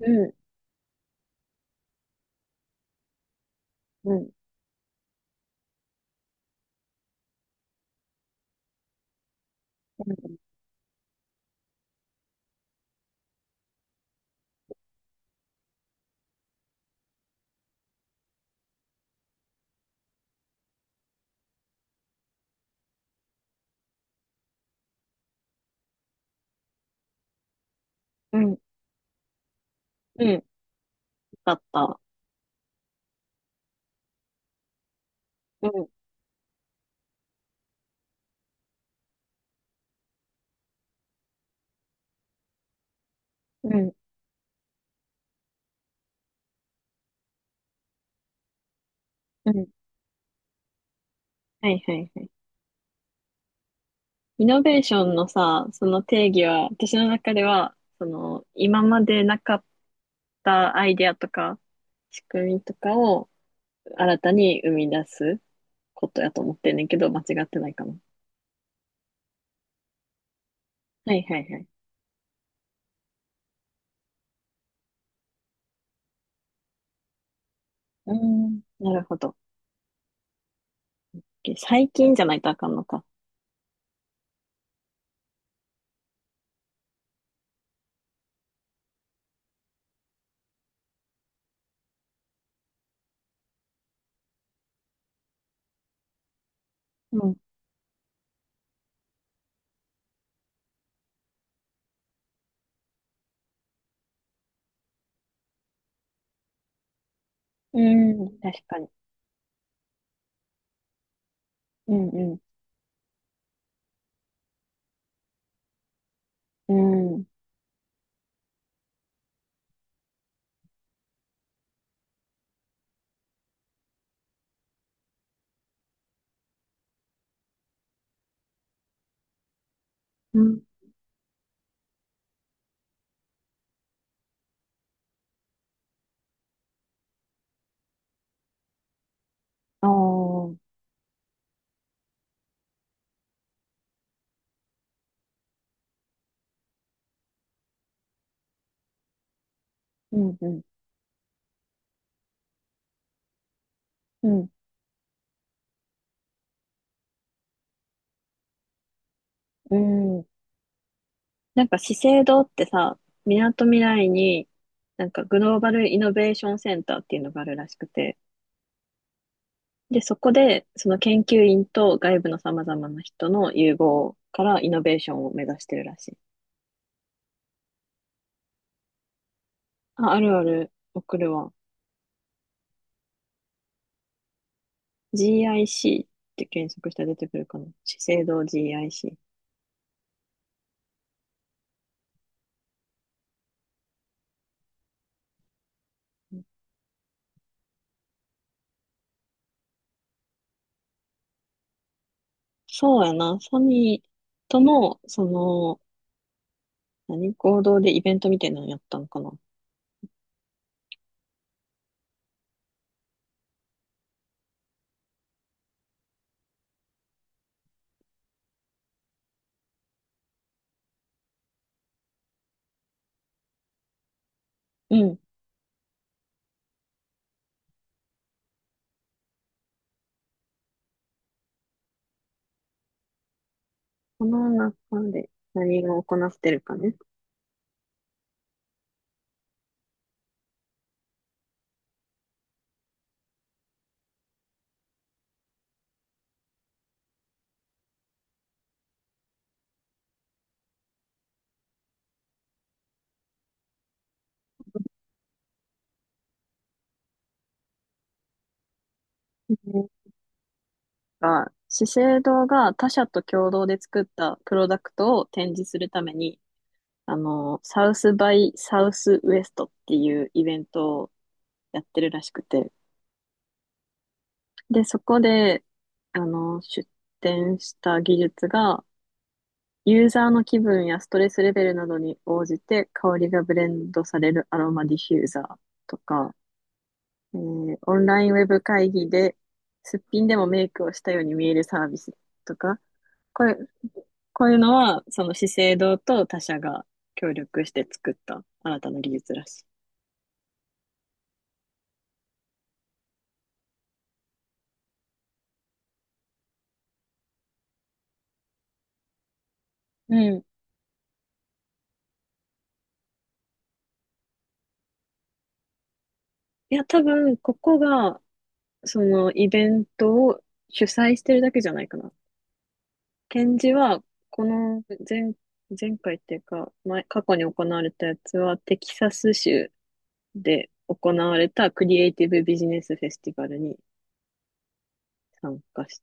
うん、うん、うん、うん、うんだった。うん、うん、うん。はいはいはい。イノベーションのさ、その定義は、私の中では、その、今までなかったアイデアとか、仕組みとかを新たに生み出すことやと思ってんねんけど、間違ってないかな。はいはいはい。うん、なるほど。OK 最近じゃないとあかんのか。うん、うん、確かに。うん、うん、うん、うん。ああ、うん、うん、うん。うん。なんか資生堂ってさ、みなとみらいに、なんかグローバルイノベーションセンターっていうのがあるらしくて、で、そこで、その研究員と外部の様々な人の融合からイノベーションを目指してるらしい。あ、あるある、送るわ。GIC って検索したら出てくるかな。資生堂 GIC。そうやな、ソニーとの、その、何合同でイベントみたいなのやったのかな。うん。この中で何が行ってるかね。うんが、資生堂が他社と共同で作ったプロダクトを展示するために、あの、サウスバイサウスウエストっていうイベントをやってるらしくて。で、そこで、あの、出展した技術が、ユーザーの気分やストレスレベルなどに応じて香りがブレンドされるアロマディフューザーとか、オンラインウェブ会議ですっぴんでもメイクをしたように見えるサービスとか、こういう、こういうのは、その資生堂と他社が協力して作った新たな技術らしい。うん。いや、多分、ここが、そのイベントを主催してるだけじゃないかな。展示は、この前、前回っていうか、前、過去に行われたやつは、テキサス州で行われたクリエイティブビジネスフェスティバルに参加し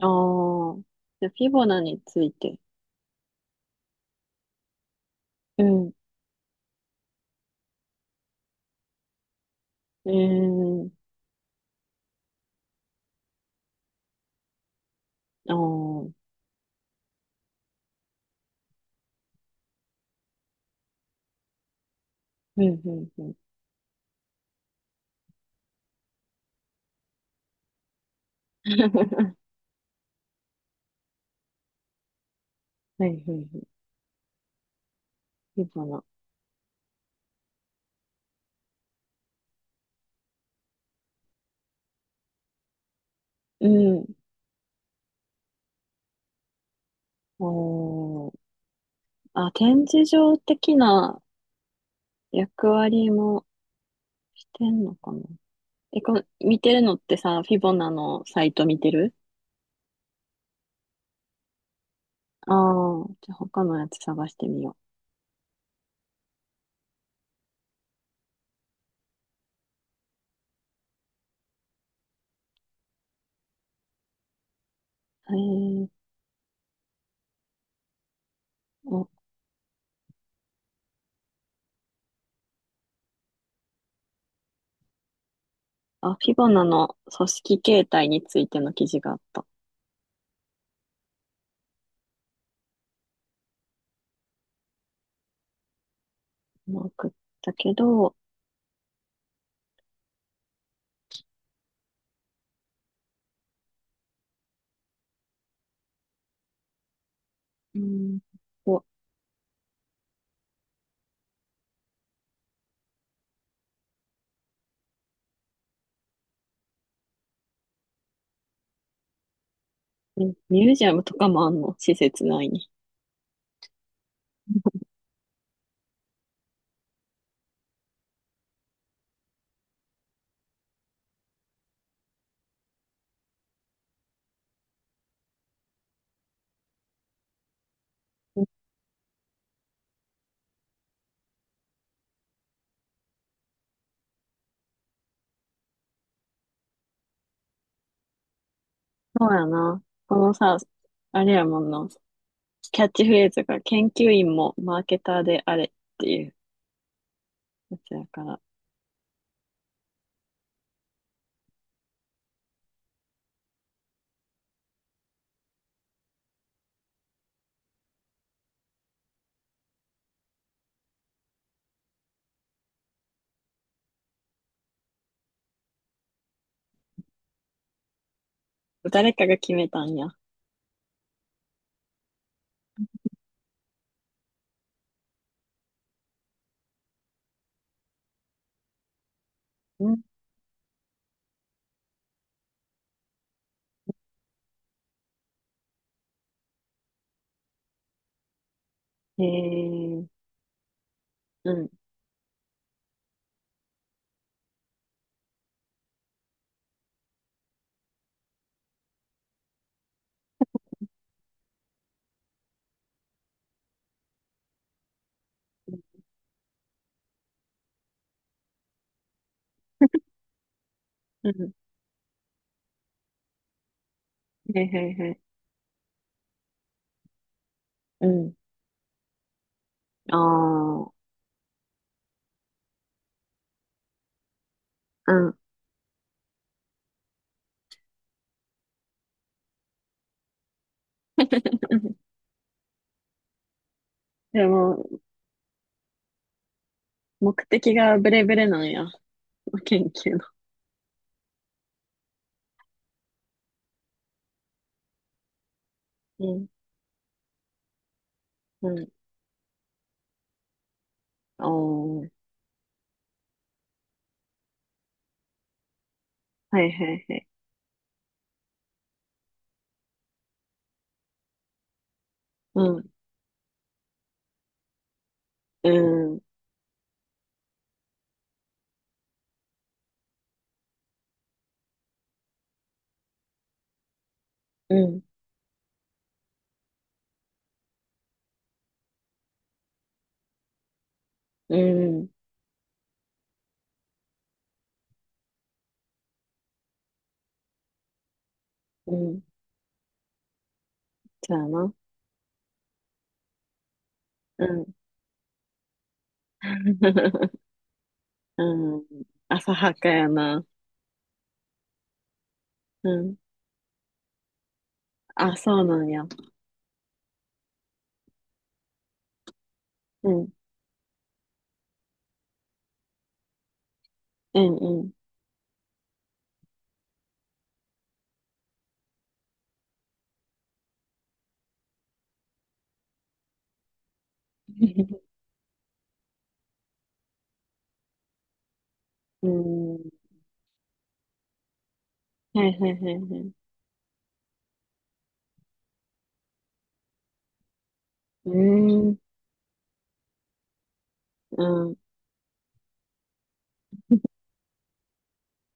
ああ、じゃあフィボナについて。うん。えー、ああ、うん、うん、うん。はい、はい、はい。フィボナ。うん。おー。あ、展示場的な役割もしてんのかな。え、この、見てるのってさ、フィボナのサイト見てるああー、じゃあ他のやつ探してみよう。えー、お、あ、フィボナの組織形態についての記事があった。まあ送ったけど、うん。ミミュージアムとかもあんの施設内に。そうやな。このさ、あれやもんな。キャッチフレーズが研究員もマーケターであれっていうやつやから。誰かが決めたんや。うん。へえ、うん。うん。へいへいへい。うん。ああ。うん。でも、目的がブレブレなんや。研究の。うん。うん。おー。はいはいはい。うん。うん。うん。うん。うん。そうやな。うん。うん。浅はかやな。うん。あ、そうなんや。うん。うん、うん。うん。はいはいはいはい。うーん。うん。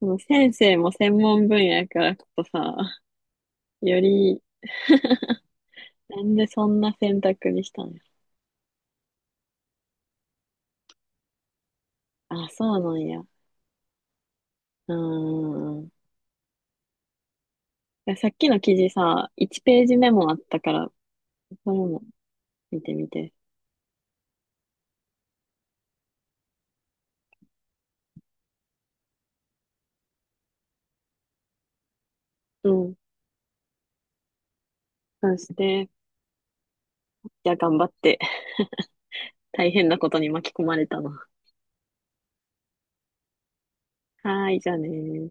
でも先生も専門分野やからこそさ、より、なんでそんな選択にしたのや。あ、そうなんや。うーん。いやさっきの記事さ、1ページ目もあったから、それも見てみて。うん。そして、じゃあ頑張って、大変なことに巻き込まれたな。はーい、じゃあねー。